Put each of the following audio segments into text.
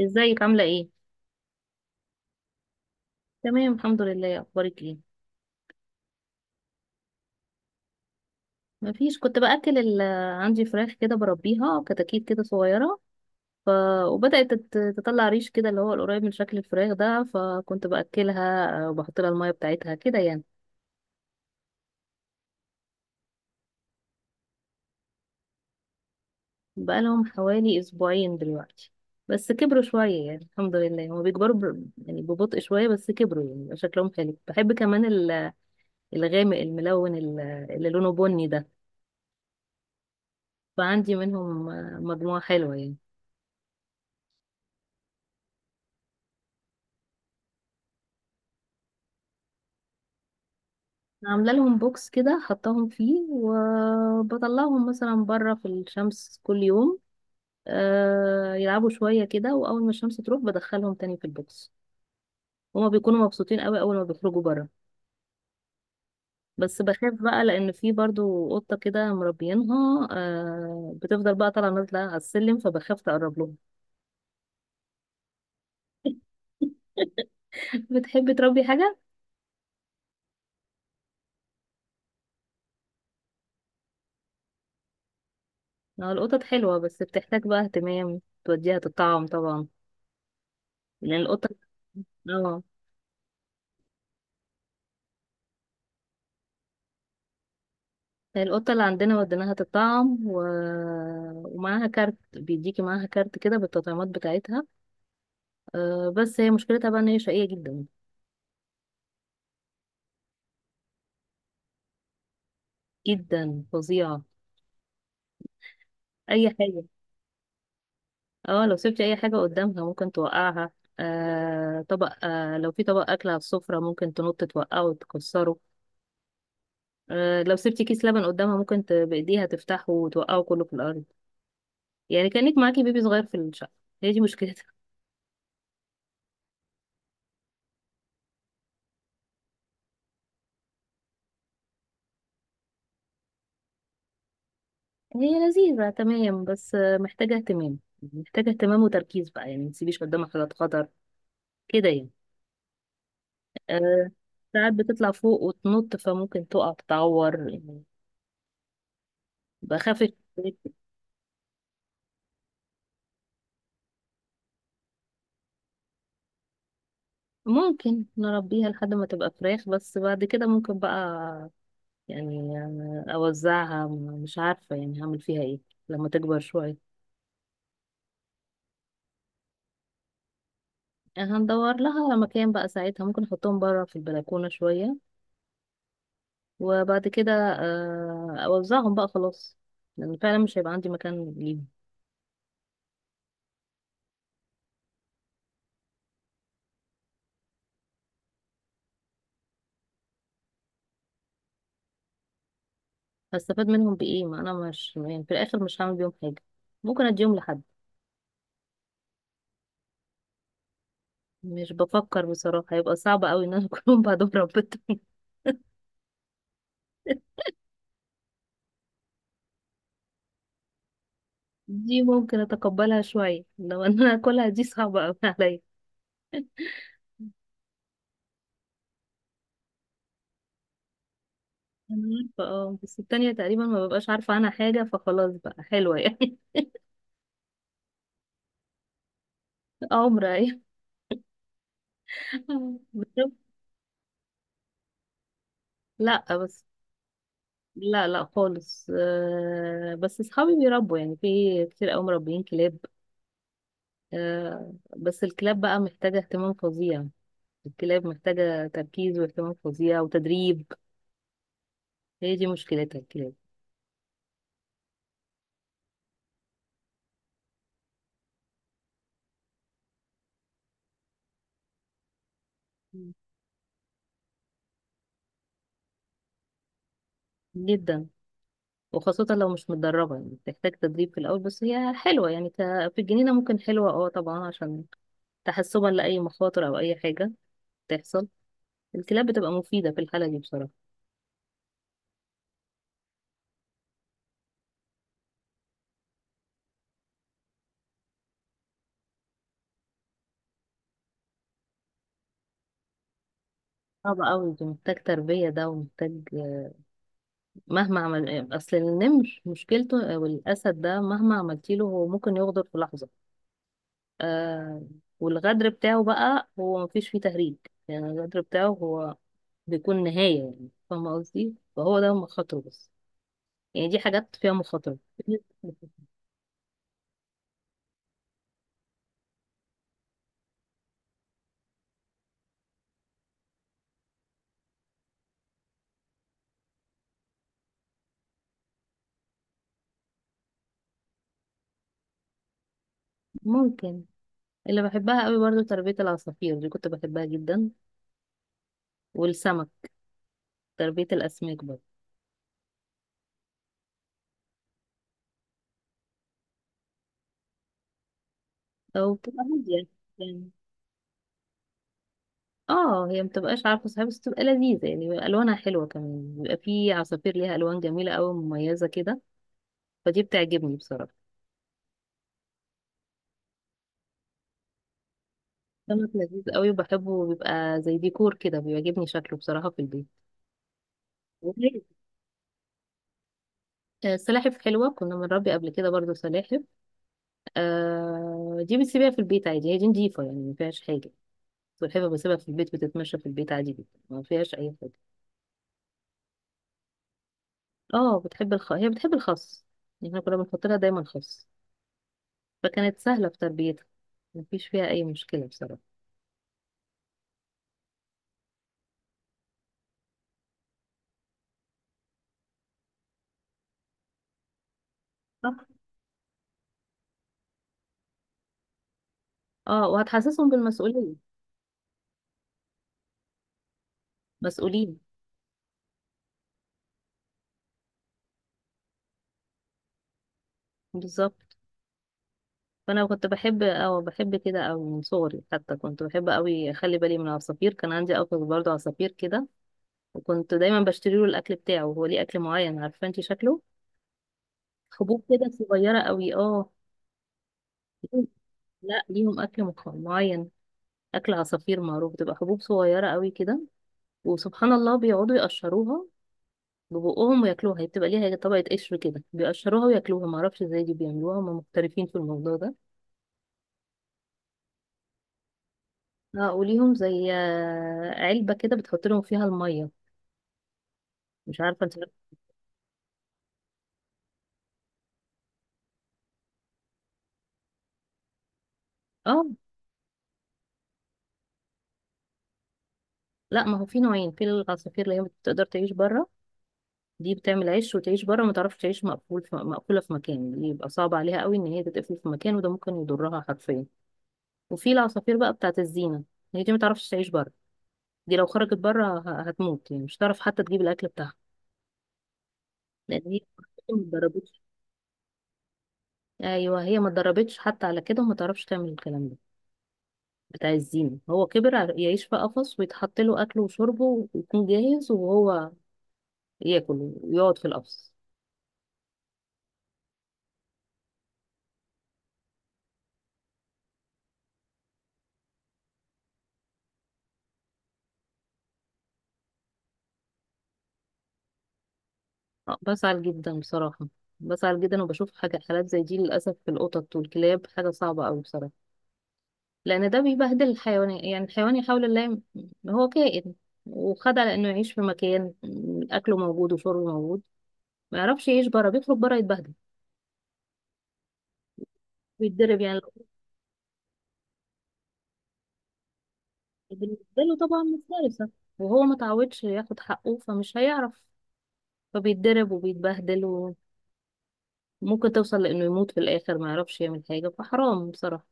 ازيك عاملة ايه؟ تمام الحمد لله اخبارك ايه؟ مفيش كنت عندي فراخ كده بربيها كتاكيت كده صغيرة، ف... وبدأت تطلع ريش كده اللي هو القريب من شكل الفراخ ده، فكنت بأكلها وبحط لها المية بتاعتها كده يعني. بقالهم حوالي أسبوعين دلوقتي، بس كبروا شوية يعني الحمد لله. هما بيكبروا يعني ببطء شوية، بس كبروا يعني بقى شكلهم حلو. بحب كمان الغامق الملون اللي لونه بني ده. فعندي منهم مجموعة حلوة يعني. عامله لهم بوكس كده حطاهم فيه، وبطلعهم مثلا بره في الشمس كل يوم، آه يلعبوا شويه كده، واول ما الشمس تروح بدخلهم تاني في البوكس. هما بيكونوا مبسوطين قوي اول ما بيخرجوا بره، بس بخاف بقى لان في برضو قطه كده مربيينها، آه بتفضل بقى طالعه نازله على السلم، فبخاف تقرب لهم. بتحبي تربي حاجه؟ آه، القطط حلوه بس بتحتاج بقى اهتمام، توديها تطعم طبعا لان القطه. اه. القطة اللي عندنا وديناها تطعم ومعاها كارت، بيديكي معاها كارت كده بالتطعيمات بتاعتها. أه بس هي مشكلتها بقى ان هي شقية جدا. جدا، فظيعة، اي حاجة. اه لو سبتي اي حاجة قدامها ممكن توقعها. أه طبق، أه لو في طبق اكل على السفرة ممكن تنط توقعه وتكسره. أه لو سبتي كيس لبن قدامها ممكن بايديها تفتحه وتوقعه كله في الارض. يعني كأنك معاكي بيبي صغير في الشقة، هي دي مشكلتها. هي لذيذة تمام بس محتاجة اهتمام، محتاجة اهتمام وتركيز بقى، يعني ما تسيبيش قدامك حاجات خطر كده يعني. أه. ساعات بتطلع فوق وتنط فممكن تقع تتعور يعني، بخاف. ممكن نربيها لحد ما تبقى فراخ، بس بعد كده ممكن بقى يعني أنا أوزعها، مش عارفة يعني هعمل فيها ايه لما تكبر شوية. هندور لها مكان بقى ساعتها، ممكن احطهم بره في البلكونة شوية، وبعد كده آه، اوزعهم بقى خلاص، لان فعلا مش هيبقى عندي مكان ليهم. هستفاد منهم بايه؟ ما انا مش يعني في الاخر مش هعمل بيهم حاجه، ممكن اديهم لحد. مش بفكر بصراحه، هيبقى صعب قوي ان انا اكلهم بعدهم ربيتهم. دي ممكن اتقبلها شويه، لو ان انا اكلها دي صعبه قوي عليا. انا عارفه اه، بس التانية تقريبا ما ببقاش عارفه عنها حاجه فخلاص بقى حلوه يعني. عمر ايه؟ لا بس. لا لا خالص، آه، بس اصحابي بيربوا يعني، في كتير قوي مربيين كلاب. آه، بس الكلاب بقى محتاجة اهتمام فظيع، الكلاب محتاجة تركيز واهتمام فظيع وتدريب، هي دي مشكلتها الكلاب. جدا. وخاصة لو مش متدربة يعني بتحتاج تدريب في الأول، بس هي حلوة يعني في الجنينة ممكن، حلوة اه طبعا، عشان تحسبا لأي مخاطر أو أي حاجة تحصل، الكلاب بتبقى مفيدة في الحالة دي بصراحة. صعب أوي ده، محتاج تربية ده ومحتاج، مهما عمل اصل النمر مشكلته آه، والاسد ده مهما عملتي له هو ممكن يغدر في لحظه. آه، والغدر بتاعه بقى هو مفيش فيه تهريج، يعني الغدر بتاعه هو بيكون نهايه يعني، فاهمه قصدي؟ فهو ده مخاطره، بس يعني دي حاجات فيها مخاطره. ممكن. اللي بحبها قوي برضو تربيه العصافير، دي كنت بحبها جدا، والسمك، تربيه الاسماك برضه. او بتبقى هاديه يعني. اه هي مبتبقاش عارفة صحيح، بس بتبقى لذيذة يعني، بيبقى ألوانها حلوة كمان، بيبقى في عصافير ليها ألوان جميلة أوي مميزة كده، فدي بتعجبني بصراحة. سمك لذيذ أوي وبحبه، بيبقى زي ديكور كده بيعجبني شكله بصراحة في البيت. وغير- آه، سلاحف حلوة، كنا بنربي قبل كده برضو سلاحف. آه دي بتسيبيها في البيت عادي، هي دي نضيفة يعني ما فيهاش حاجة. والحفة بسيبها في البيت بتتمشى في البيت عادي جدا، ما فيهاش أي حاجة. اه بتحب هي بتحب الخس، يعني احنا كنا بنحط لها دايما خس، فكانت سهلة في تربيتها، مفيش فيها أي مشكلة بصراحة. صح. اه وهتحسسهم بالمسؤولية. مسؤولين. بالظبط. فأنا كنت بحب أو بحب كده أو من صغري، حتى كنت بحب أوي أخلي بالي من العصافير، كان عندي أخ برضه عصافير كده، وكنت دايما بشتري له الأكل بتاعه، هو ليه أكل معين، عارفة انتي شكله؟ حبوب كده صغيرة أوي اه. ليهم- لا ليهم أكل معين، أكل عصافير معروف بتبقى حبوب صغيرة أوي كده، وسبحان الله بيقعدوا يقشروها ببقهم وياكلوها، هي بتبقى ليها طبقة قشر كده بيقشروها وياكلوها، معرفش ازاي دي بيعملوها، هم محترفين في الموضوع ده. اه وليهم زي آه، علبة كده بتحط لهم فيها المية، مش عارفة انت. اه لا ما هو في نوعين في العصافير، اللي هي بتقدر تعيش بره، دي بتعمل عيش وتعيش بره ما تعرفش تعيش مقفول في، مقفولة في مكان، دي يبقى صعب عليها قوي ان هي تتقفل في مكان، وده ممكن يضرها حرفيا. وفي العصافير بقى بتاعت الزينة، هي دي ما تعرفش تعيش بره، دي لو خرجت بره هتموت يعني، مش هتعرف حتى تجيب الاكل بتاعها، لان هي ما اتدربتش. ايوه هي ما اتدربتش حتى على كده، وما تعرفش تعمل الكلام ده. بتاع الزينة هو كبر يعيش في قفص ويتحط له اكله وشربه ويكون جاهز، وهو ياكل ويقعد في القفص. آه، بزعل جدا بصراحة، بزعل جدا، وبشوف حاجة حالات زي دي للأسف في القطط والكلاب، حاجة صعبة أوي بصراحة، لأن ده بيبهدل الحيوان يعني، الحيوان يحاول الله هو كائن وخد على إنه يعيش في مكان أكله موجود وشربه موجود، ما يعرفش يعيش بره، بيخرج بره يتبهدل ويتضرب يعني. بالنسبة له طبعا مفترسة. وهو متعودش ياخد حقه فمش هيعرف، فبيتضرب وبيتبهدل، وممكن توصل لأنه يموت في الآخر، ما يعرفش يعمل حاجة، فحرام بصراحة.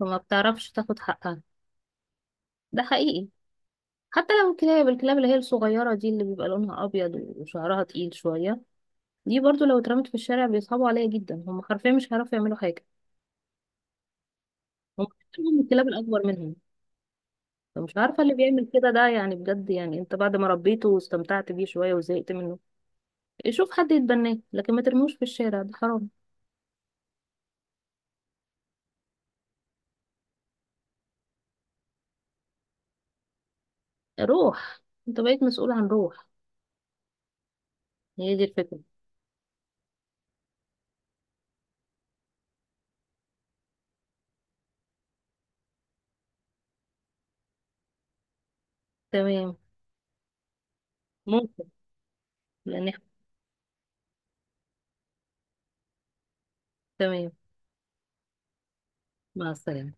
فما بتعرفش تاخد حقها، ده حقيقي. حتى لو الكلاب، الكلاب اللي هي الصغيرة دي، اللي بيبقى لونها أبيض وشعرها تقيل شوية، دي برضو لو اترمت في الشارع بيصعبوا عليها جدا، هم حرفيا مش هيعرفوا يعملوا حاجة، هم بيحبوا الكلاب الأكبر منهم. فمش عارفة اللي بيعمل كده ده يعني بجد، يعني انت بعد ما ربيته واستمتعت بيه شوية وزهقت منه، شوف حد يتبناه، لكن ما ترموش في الشارع ده حرام. روح، انت بقيت مسؤول عن روح، هي دي الفكرة. تمام. ممكن. لان احنا. تمام مع السلامة.